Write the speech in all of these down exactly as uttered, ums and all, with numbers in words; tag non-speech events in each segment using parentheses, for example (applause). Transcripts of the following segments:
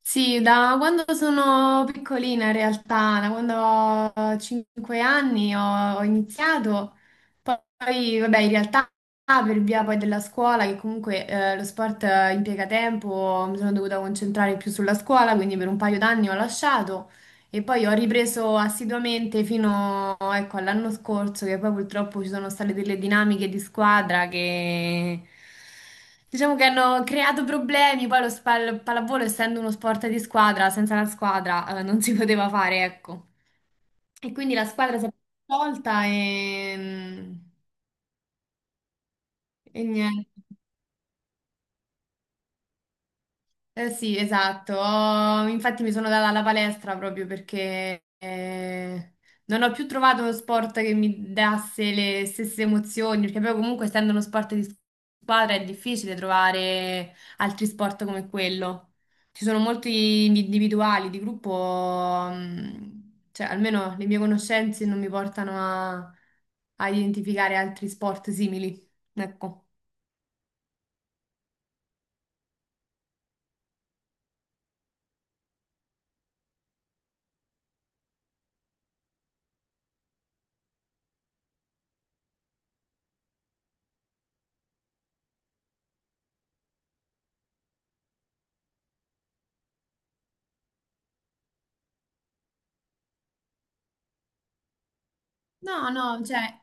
Sì, da quando sono piccolina in realtà, da quando ho cinque anni ho, ho iniziato, poi vabbè in realtà per via poi della scuola, che comunque eh, lo sport eh, impiega tempo, mi sono dovuta concentrare più sulla scuola, quindi per un paio d'anni ho lasciato, e poi ho ripreso assiduamente fino, ecco, all'anno scorso, che poi purtroppo ci sono state delle dinamiche di squadra che diciamo che hanno creato problemi. Poi lo spa- il pallavolo, essendo uno sport di squadra, senza la squadra, eh, non si (laughs) poteva fare, ecco. E quindi la squadra si è tolta e, mm, e niente. Eh sì, esatto. Ho- Infatti mi sono data alla palestra proprio perché eh, non ho più trovato uno sport che mi dasse le stesse emozioni, perché poi comunque essendo uno sport di squadra è difficile trovare altri sport come quello. Ci sono molti individuali, di gruppo, mh, cioè almeno le mie conoscenze non mi portano a, a identificare altri sport simili. Ecco. No, no, cioè,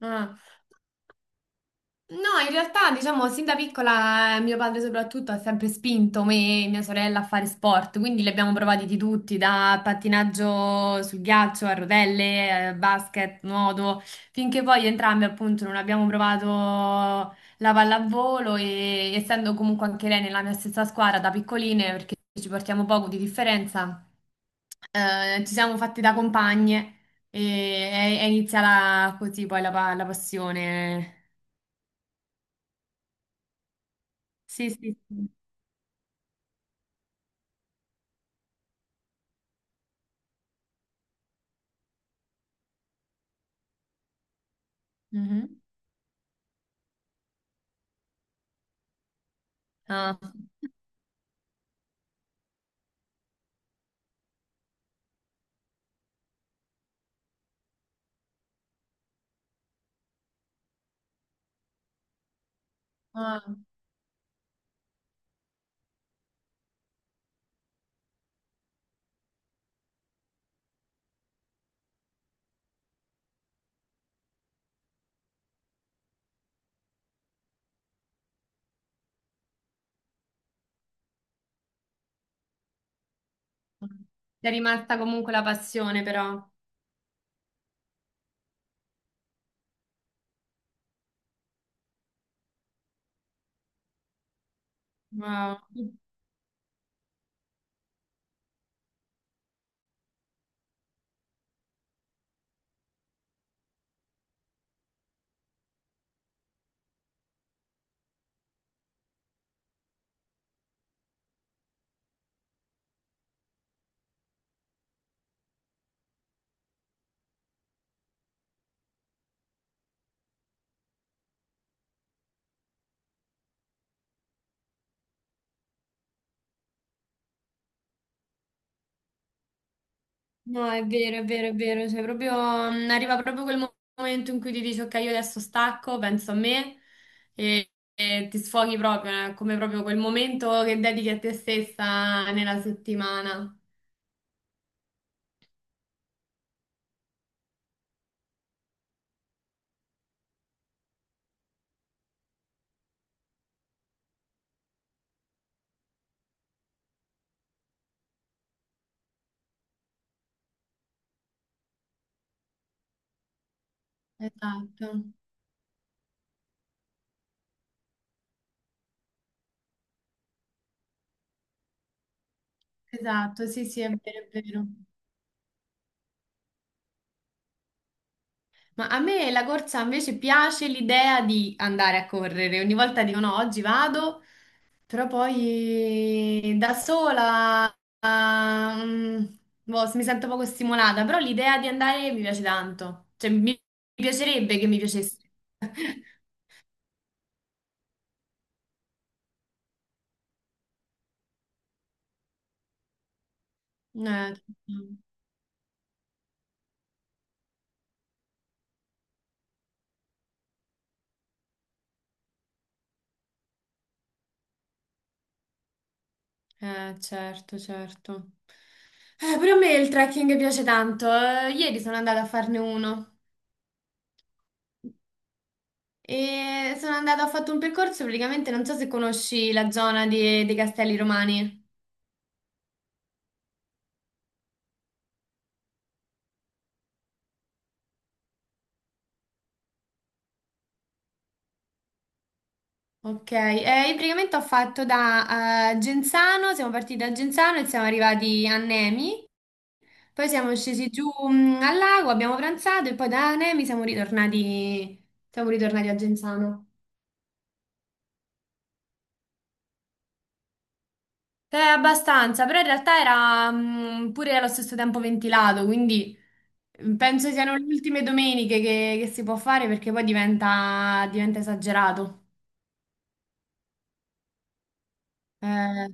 no, no. No, in realtà, diciamo, sin da piccola eh, mio padre soprattutto ha sempre spinto me e mia sorella a fare sport, quindi li abbiamo provati di tutti, da pattinaggio sul ghiaccio a rotelle, eh, basket, nuoto, finché poi entrambi appunto non abbiamo provato la pallavolo e essendo comunque anche lei nella mia stessa squadra da piccoline, perché ci portiamo poco di differenza, eh, ci siamo fatti da compagne e è, è iniziata così poi la, pa- la passione. Sì, sì, sì. Mhm. Ah, ah. Ti è rimasta comunque la passione, però. Wow. No, è vero, è vero, è vero. Cioè, proprio, mm, arriva proprio quel mo- momento in cui ti dici, ok, io adesso stacco, penso a me e, e ti sfoghi proprio, eh, come proprio quel momento che dedichi a te stessa nella settimana. Esatto, esatto, sì, sì, è vero, è vero. Ma a me la corsa invece piace l'idea di andare a correre. Ogni volta dico, no, oggi vado. Però poi da sola, ah, mm, boh, mi sento poco stimolata, però l'idea di andare mi piace tanto, cioè mi mi piacerebbe che mi piacesse. (laughs) Eh, eh, certo, certo. Eh, pure a me il trekking piace tanto. Eh, Ieri sono andata a farne uno e sono andata, ho fatto un percorso praticamente, non so se conosci la zona di- dei Castelli Romani. Ok, eh, io praticamente ho fatto da eh, Genzano, siamo partiti da Genzano e siamo arrivati a Nemi, poi siamo scesi giù mm, al lago, abbiamo pranzato e poi da Nemi siamo ritornati, siamo ritornati a Genzano. È abbastanza, però in realtà era mm, pure allo stesso tempo ventilato, quindi mm, penso siano le ultime domeniche che, che si può fare perché poi diventa, diventa esagerato. Eh,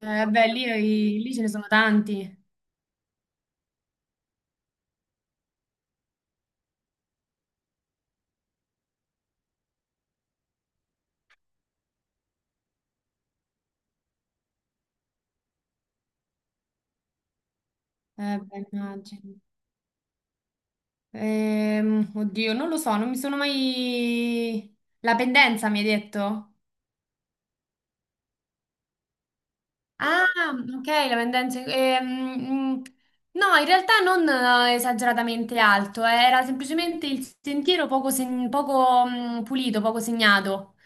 eh, beh, lì, lì ce ne sono tanti. Eh, beh, immagino. Ehm, oddio, non lo so, non mi sono mai... La pendenza mi hai detto? Ah, ok, la pendenza. ehm, mm, no, in realtà non eh, esageratamente alto, eh, era semplicemente il sentiero poco, seg- poco, mm, pulito, poco segnato.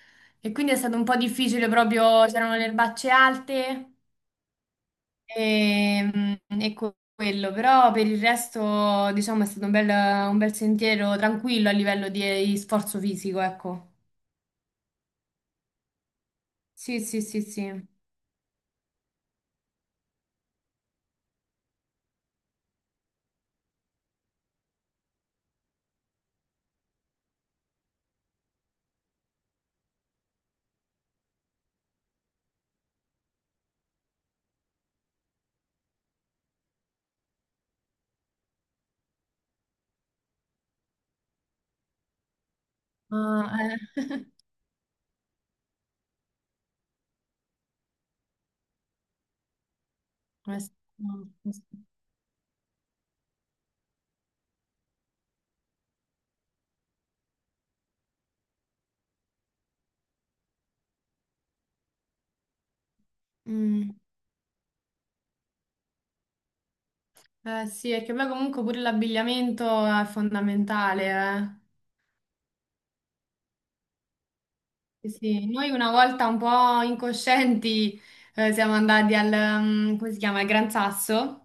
E quindi è stato un po' difficile proprio, c'erano le erbacce alte. Ehm, ecco quello, però per il resto, diciamo, è stato un bel, un bel sentiero tranquillo a livello di, eh, di sforzo fisico, ecco. Sì, sì, sì, sì. Ah, eh. (laughs) Eh, sì, no, eh sì. Mm. Eh, sì, perché poi comunque pure l'abbigliamento è fondamentale. eh. Sì, sì. Noi una volta un po' incoscienti eh, siamo andati al, mm, come si chiama, al Gran Sasso.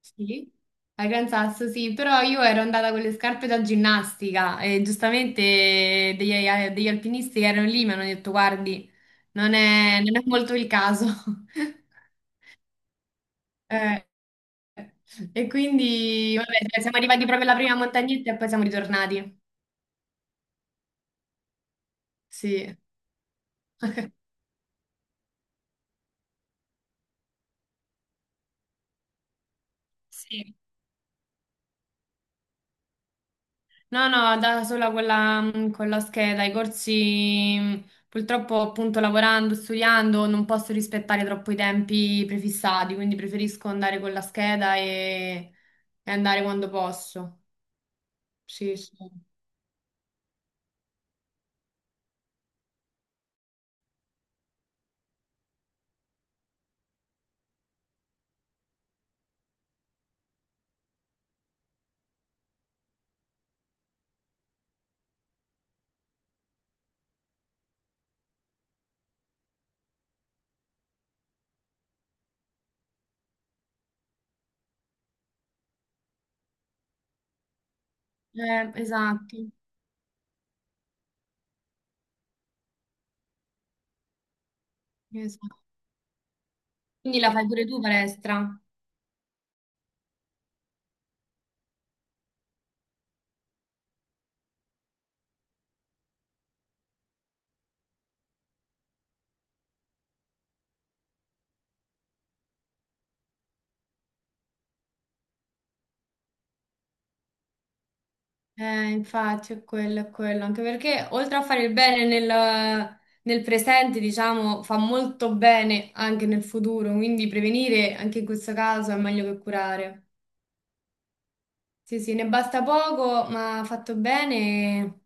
Sì. Al Gran Sasso, sì, però io ero andata con le scarpe da ginnastica e giustamente degli, degli alpinisti che erano lì mi hanno detto, guardi, non è, non è molto il caso. (laughs) Eh, e quindi, vabbè, cioè, siamo arrivati proprio alla prima montagnetta e poi siamo ritornati. Sì, sì. No, no, da sola con la, con la scheda, i corsi, mh, purtroppo appunto lavorando, studiando, non posso rispettare troppo i tempi prefissati, quindi preferisco andare con la scheda e, e andare quando posso. Sì, sì. Eh, esatto, esatto. Quindi la fai pure tu palestra? Eh, infatti è quello, è quello, anche perché oltre a fare il bene nel, nel presente, diciamo, fa molto bene anche nel futuro, quindi prevenire anche in questo caso è meglio che curare. Sì, sì, ne basta poco, ma fatto bene.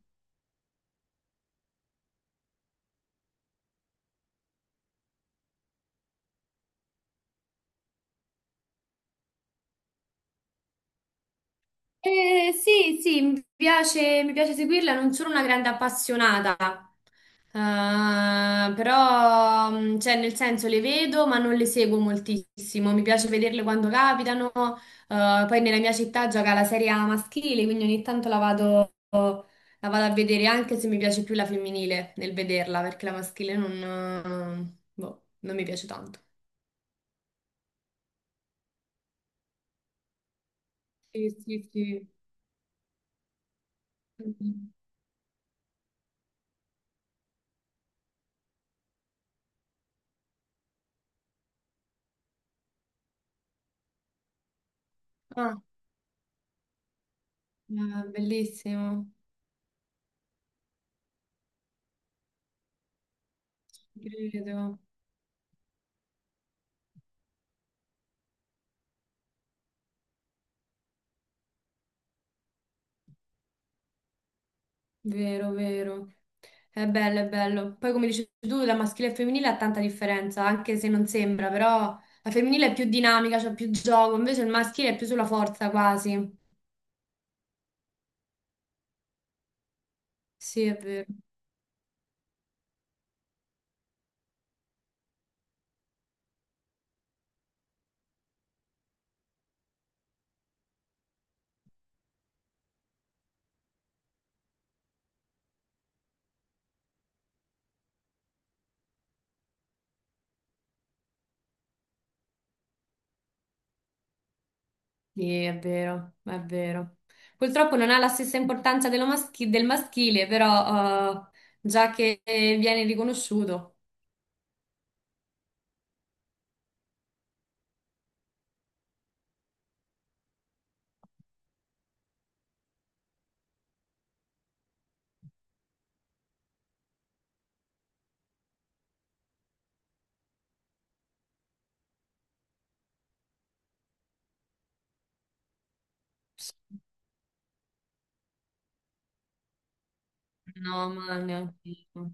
Eh, sì, sì, mi piace, mi piace seguirla, non sono una grande appassionata. Eh, però, mm, cioè, nel senso, le vedo ma non le seguo moltissimo, mi piace vederle quando capitano. Eh, poi nella mia città gioca la Serie A maschile, quindi ogni tanto la vado, la vado, a vedere, anche se mi piace più la femminile nel vederla, perché la maschile non, boh, non mi piace tanto. Sì, sì, sì. Ah, eh, bellissimo, credo. Vero, vero. È bello, è bello. Poi come dici tu, la maschile e femminile ha tanta differenza, anche se non sembra, però la femminile è più dinamica, c'è più gioco, invece il maschile è più sulla forza quasi. Sì, è vero. Sì, è vero, è vero. Purtroppo non ha la stessa importanza dello maschi- del maschile, però eh, già che viene riconosciuto. No, ma neanche io.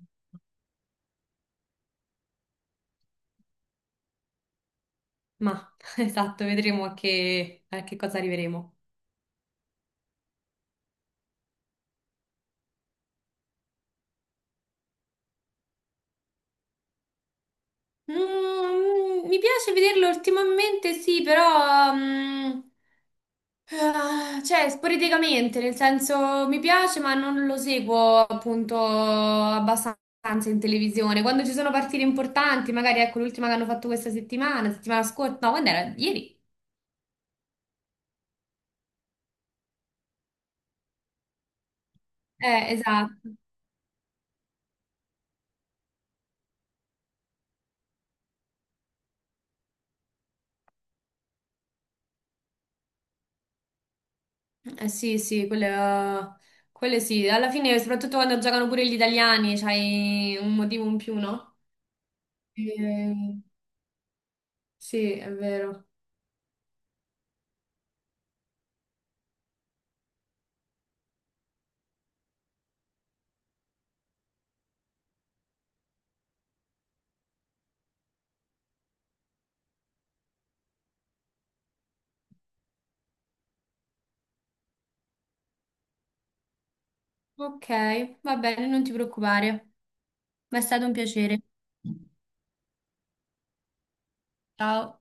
Ma (laughs) esatto, vedremo a che, a che, cosa arriveremo. Mm, mi piace vederlo ultimamente, sì, però mm, ah, cioè sporadicamente, nel senso mi piace, ma non lo seguo appunto abbastanza in televisione. Quando ci sono partite importanti, magari ecco l'ultima che hanno fatto questa settimana, settimana scorsa, no, quando era? Ieri. Eh, esatto. Eh, sì, sì, quelle, quelle sì. Alla fine, soprattutto quando giocano pure gli italiani, c'hai un motivo in più, no? Eh, sì, è vero. Ok, va bene, non ti preoccupare. Ma è stato un piacere. Ciao.